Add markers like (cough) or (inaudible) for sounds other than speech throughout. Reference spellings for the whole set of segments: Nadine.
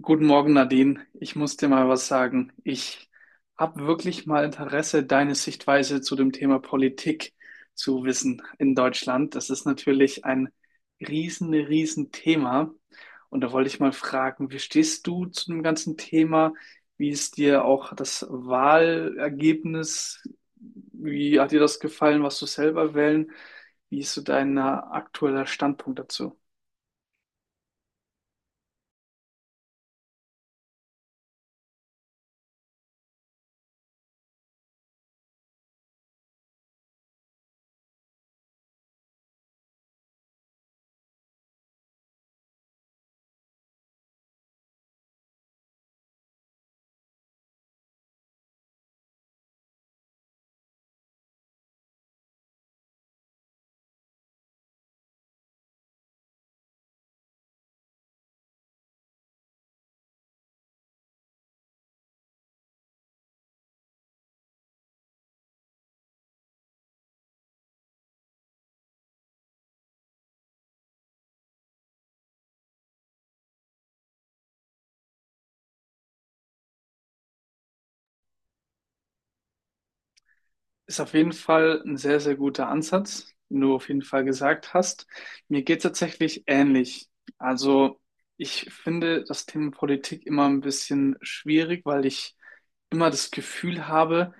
Guten Morgen, Nadine. Ich muss dir mal was sagen. Ich habe wirklich mal Interesse, deine Sichtweise zu dem Thema Politik zu wissen in Deutschland. Das ist natürlich ein riesen, riesen Thema. Und da wollte ich mal fragen, wie stehst du zu dem ganzen Thema? Wie ist dir auch das Wahlergebnis? Wie hat dir das gefallen, was du selber wählen? Wie ist so dein aktueller Standpunkt dazu? Ist auf jeden Fall ein sehr, sehr guter Ansatz, den du auf jeden Fall gesagt hast. Mir geht tatsächlich ähnlich. Also ich finde das Thema Politik immer ein bisschen schwierig, weil ich immer das Gefühl habe,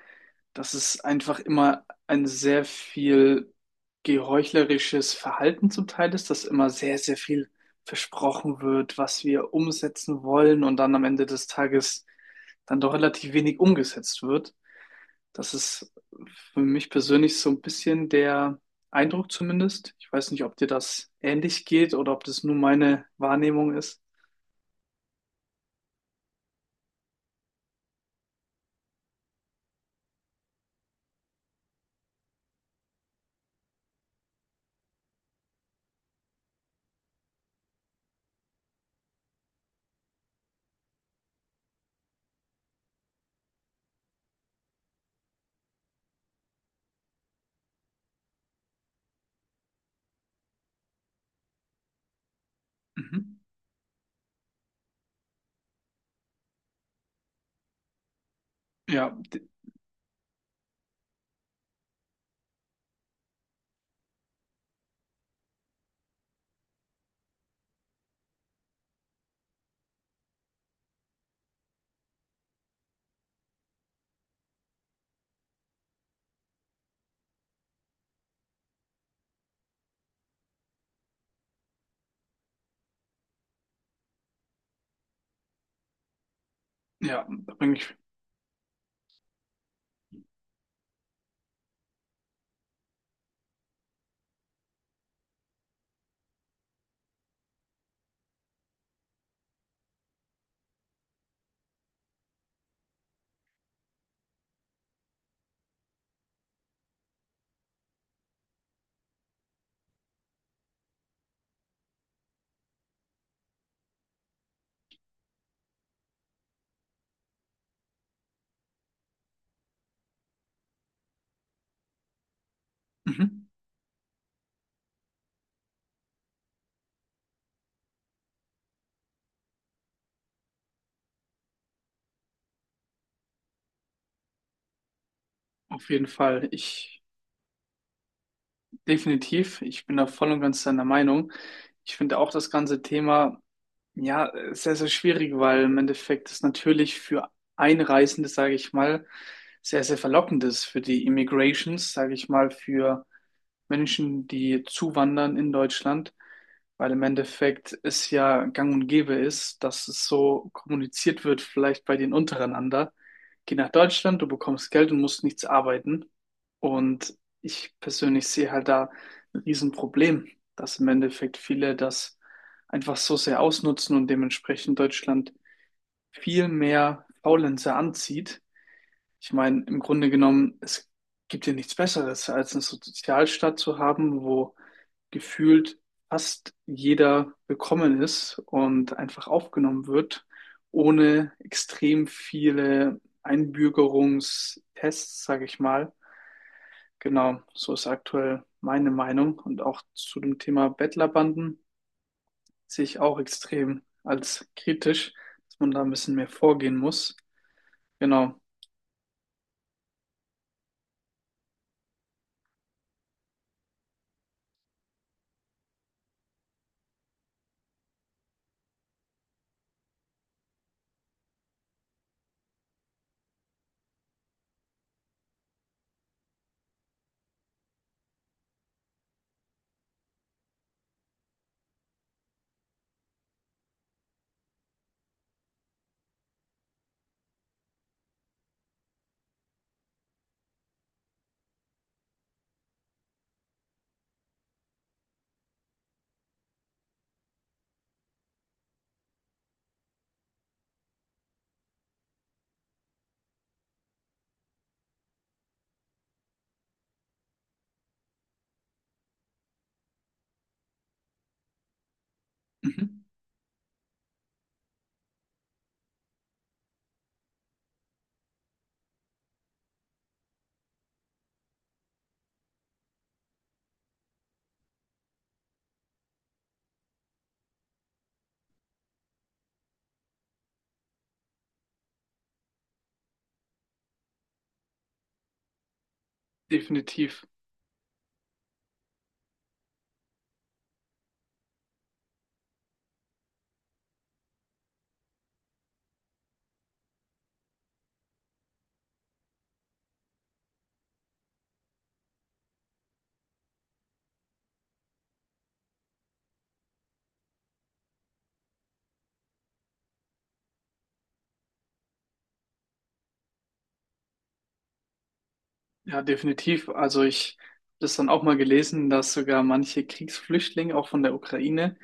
dass es einfach immer ein sehr viel geheuchlerisches Verhalten zum Teil ist, dass immer sehr, sehr viel versprochen wird, was wir umsetzen wollen und dann am Ende des Tages dann doch relativ wenig umgesetzt wird. Das ist für mich persönlich so ein bisschen der Eindruck zumindest. Ich weiß nicht, ob dir das ähnlich geht oder ob das nur meine Wahrnehmung ist. Mhm. Ja, ja, da bin ich. Mhm. Auf jeden Fall. Ich definitiv, ich bin da voll und ganz deiner Meinung. Ich finde auch das ganze Thema ja sehr, sehr schwierig, weil im Endeffekt es natürlich für Einreisende, sage ich mal, sehr, sehr verlockend ist für die Immigrations, sage ich mal, für Menschen, die zuwandern in Deutschland, weil im Endeffekt es ja gang und gäbe ist, dass es so kommuniziert wird, vielleicht bei den untereinander. Geh nach Deutschland, du bekommst Geld und musst nichts arbeiten. Und ich persönlich sehe halt da ein Riesenproblem, dass im Endeffekt viele das einfach so sehr ausnutzen und dementsprechend Deutschland viel mehr Faulenzer anzieht. Ich meine, im Grunde genommen, es gibt ja nichts Besseres, als eine Sozialstaat zu haben, wo gefühlt fast jeder willkommen ist und einfach aufgenommen wird, ohne extrem viele Einbürgerungstests, sage ich mal. Genau, so ist aktuell meine Meinung. Und auch zu dem Thema Bettlerbanden sehe ich auch extrem als kritisch, dass man da ein bisschen mehr vorgehen muss. Genau, mhm. Definitiv. Ja, definitiv. Also ich habe das dann auch mal gelesen, dass sogar manche Kriegsflüchtlinge auch von der Ukraine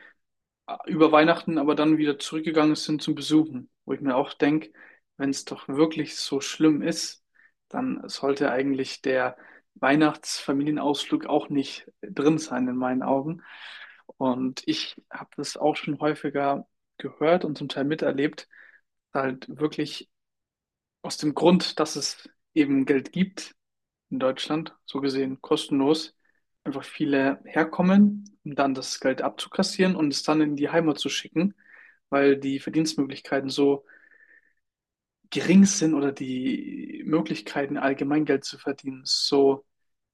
über Weihnachten aber dann wieder zurückgegangen sind zum Besuchen, wo ich mir auch denke, wenn es doch wirklich so schlimm ist, dann sollte eigentlich der Weihnachtsfamilienausflug auch nicht drin sein in meinen Augen. Und ich habe das auch schon häufiger gehört und zum Teil miterlebt, halt wirklich aus dem Grund, dass es eben Geld gibt, in Deutschland, so gesehen kostenlos, einfach viele herkommen, um dann das Geld abzukassieren und es dann in die Heimat zu schicken, weil die Verdienstmöglichkeiten so gering sind oder die Möglichkeiten, allgemein Geld zu verdienen, so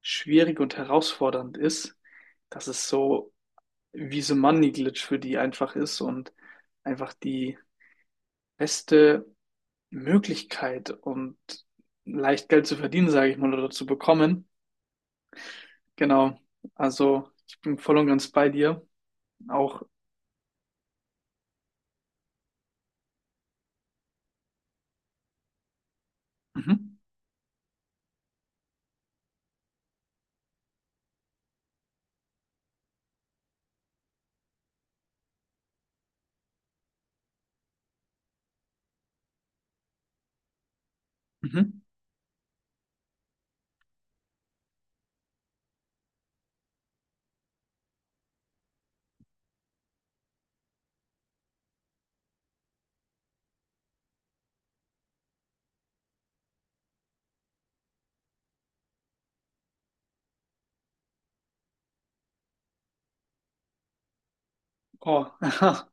schwierig und herausfordernd ist, dass es so wie so ein Money Glitch für die einfach ist und einfach die beste Möglichkeit und leicht Geld zu verdienen, sage ich mal, oder zu bekommen. Genau, also ich bin voll und ganz bei dir. Auch, mhm. Mhm. Oh, (laughs) aha.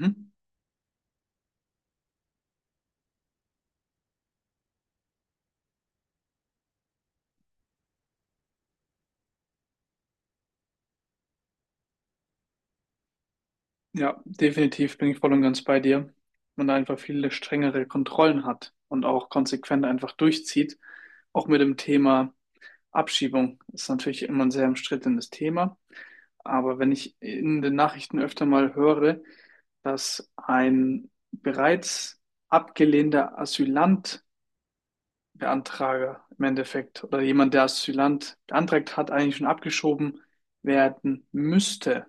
Mhm. Ja, definitiv bin ich voll und ganz bei dir. Man da einfach viele strengere Kontrollen hat und auch konsequent einfach durchzieht. Auch mit dem Thema Abschiebung ist natürlich immer ein sehr umstrittenes Thema. Aber wenn ich in den Nachrichten öfter mal höre, dass ein bereits abgelehnter Asylant Beantrager im Endeffekt oder jemand, der Asylant beantragt hat, eigentlich schon abgeschoben werden müsste,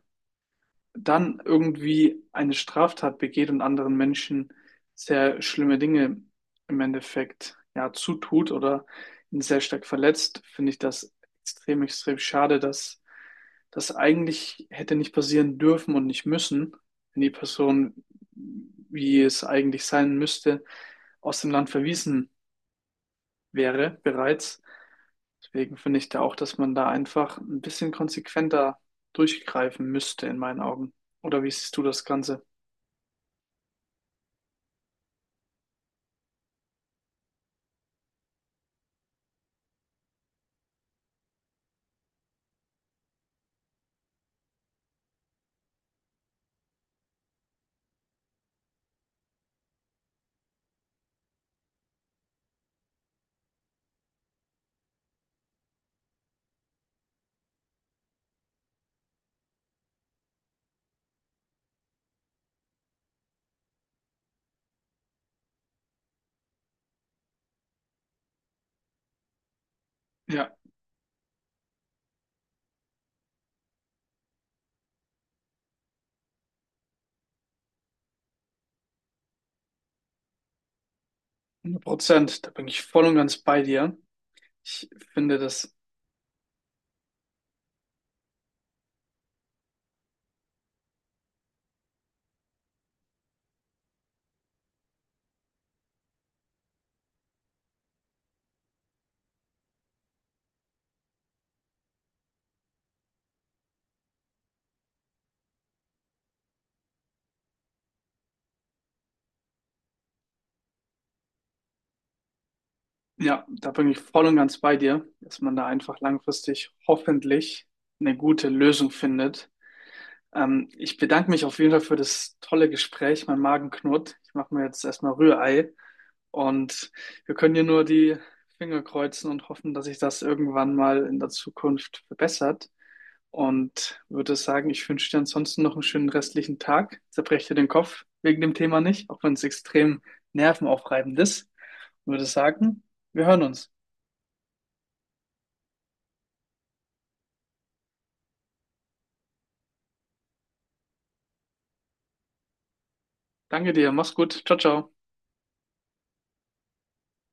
dann irgendwie eine Straftat begeht und anderen Menschen sehr schlimme Dinge im Endeffekt ja zutut oder ihn sehr stark verletzt, finde ich das extrem, extrem schade, dass das eigentlich hätte nicht passieren dürfen und nicht müssen, wenn die Person, wie es eigentlich sein müsste, aus dem Land verwiesen wäre bereits. Deswegen finde ich da auch, dass man da einfach ein bisschen konsequenter durchgreifen müsste in meinen Augen. Oder wie siehst du das Ganze? Ja, 100%. Da bin ich voll und ganz bei dir. Ich finde das, ja, da bin ich voll und ganz bei dir, dass man da einfach langfristig hoffentlich eine gute Lösung findet. Ich bedanke mich auf jeden Fall für das tolle Gespräch. Mein Magen knurrt. Ich mache mir jetzt erstmal Rührei. Und wir können hier nur die Finger kreuzen und hoffen, dass sich das irgendwann mal in der Zukunft verbessert. Und würde sagen, ich wünsche dir ansonsten noch einen schönen restlichen Tag. Zerbreche dir den Kopf wegen dem Thema nicht, auch wenn es extrem nervenaufreibend ist. Und würde sagen, wir hören uns. Danke dir, mach's gut. Ciao, ciao.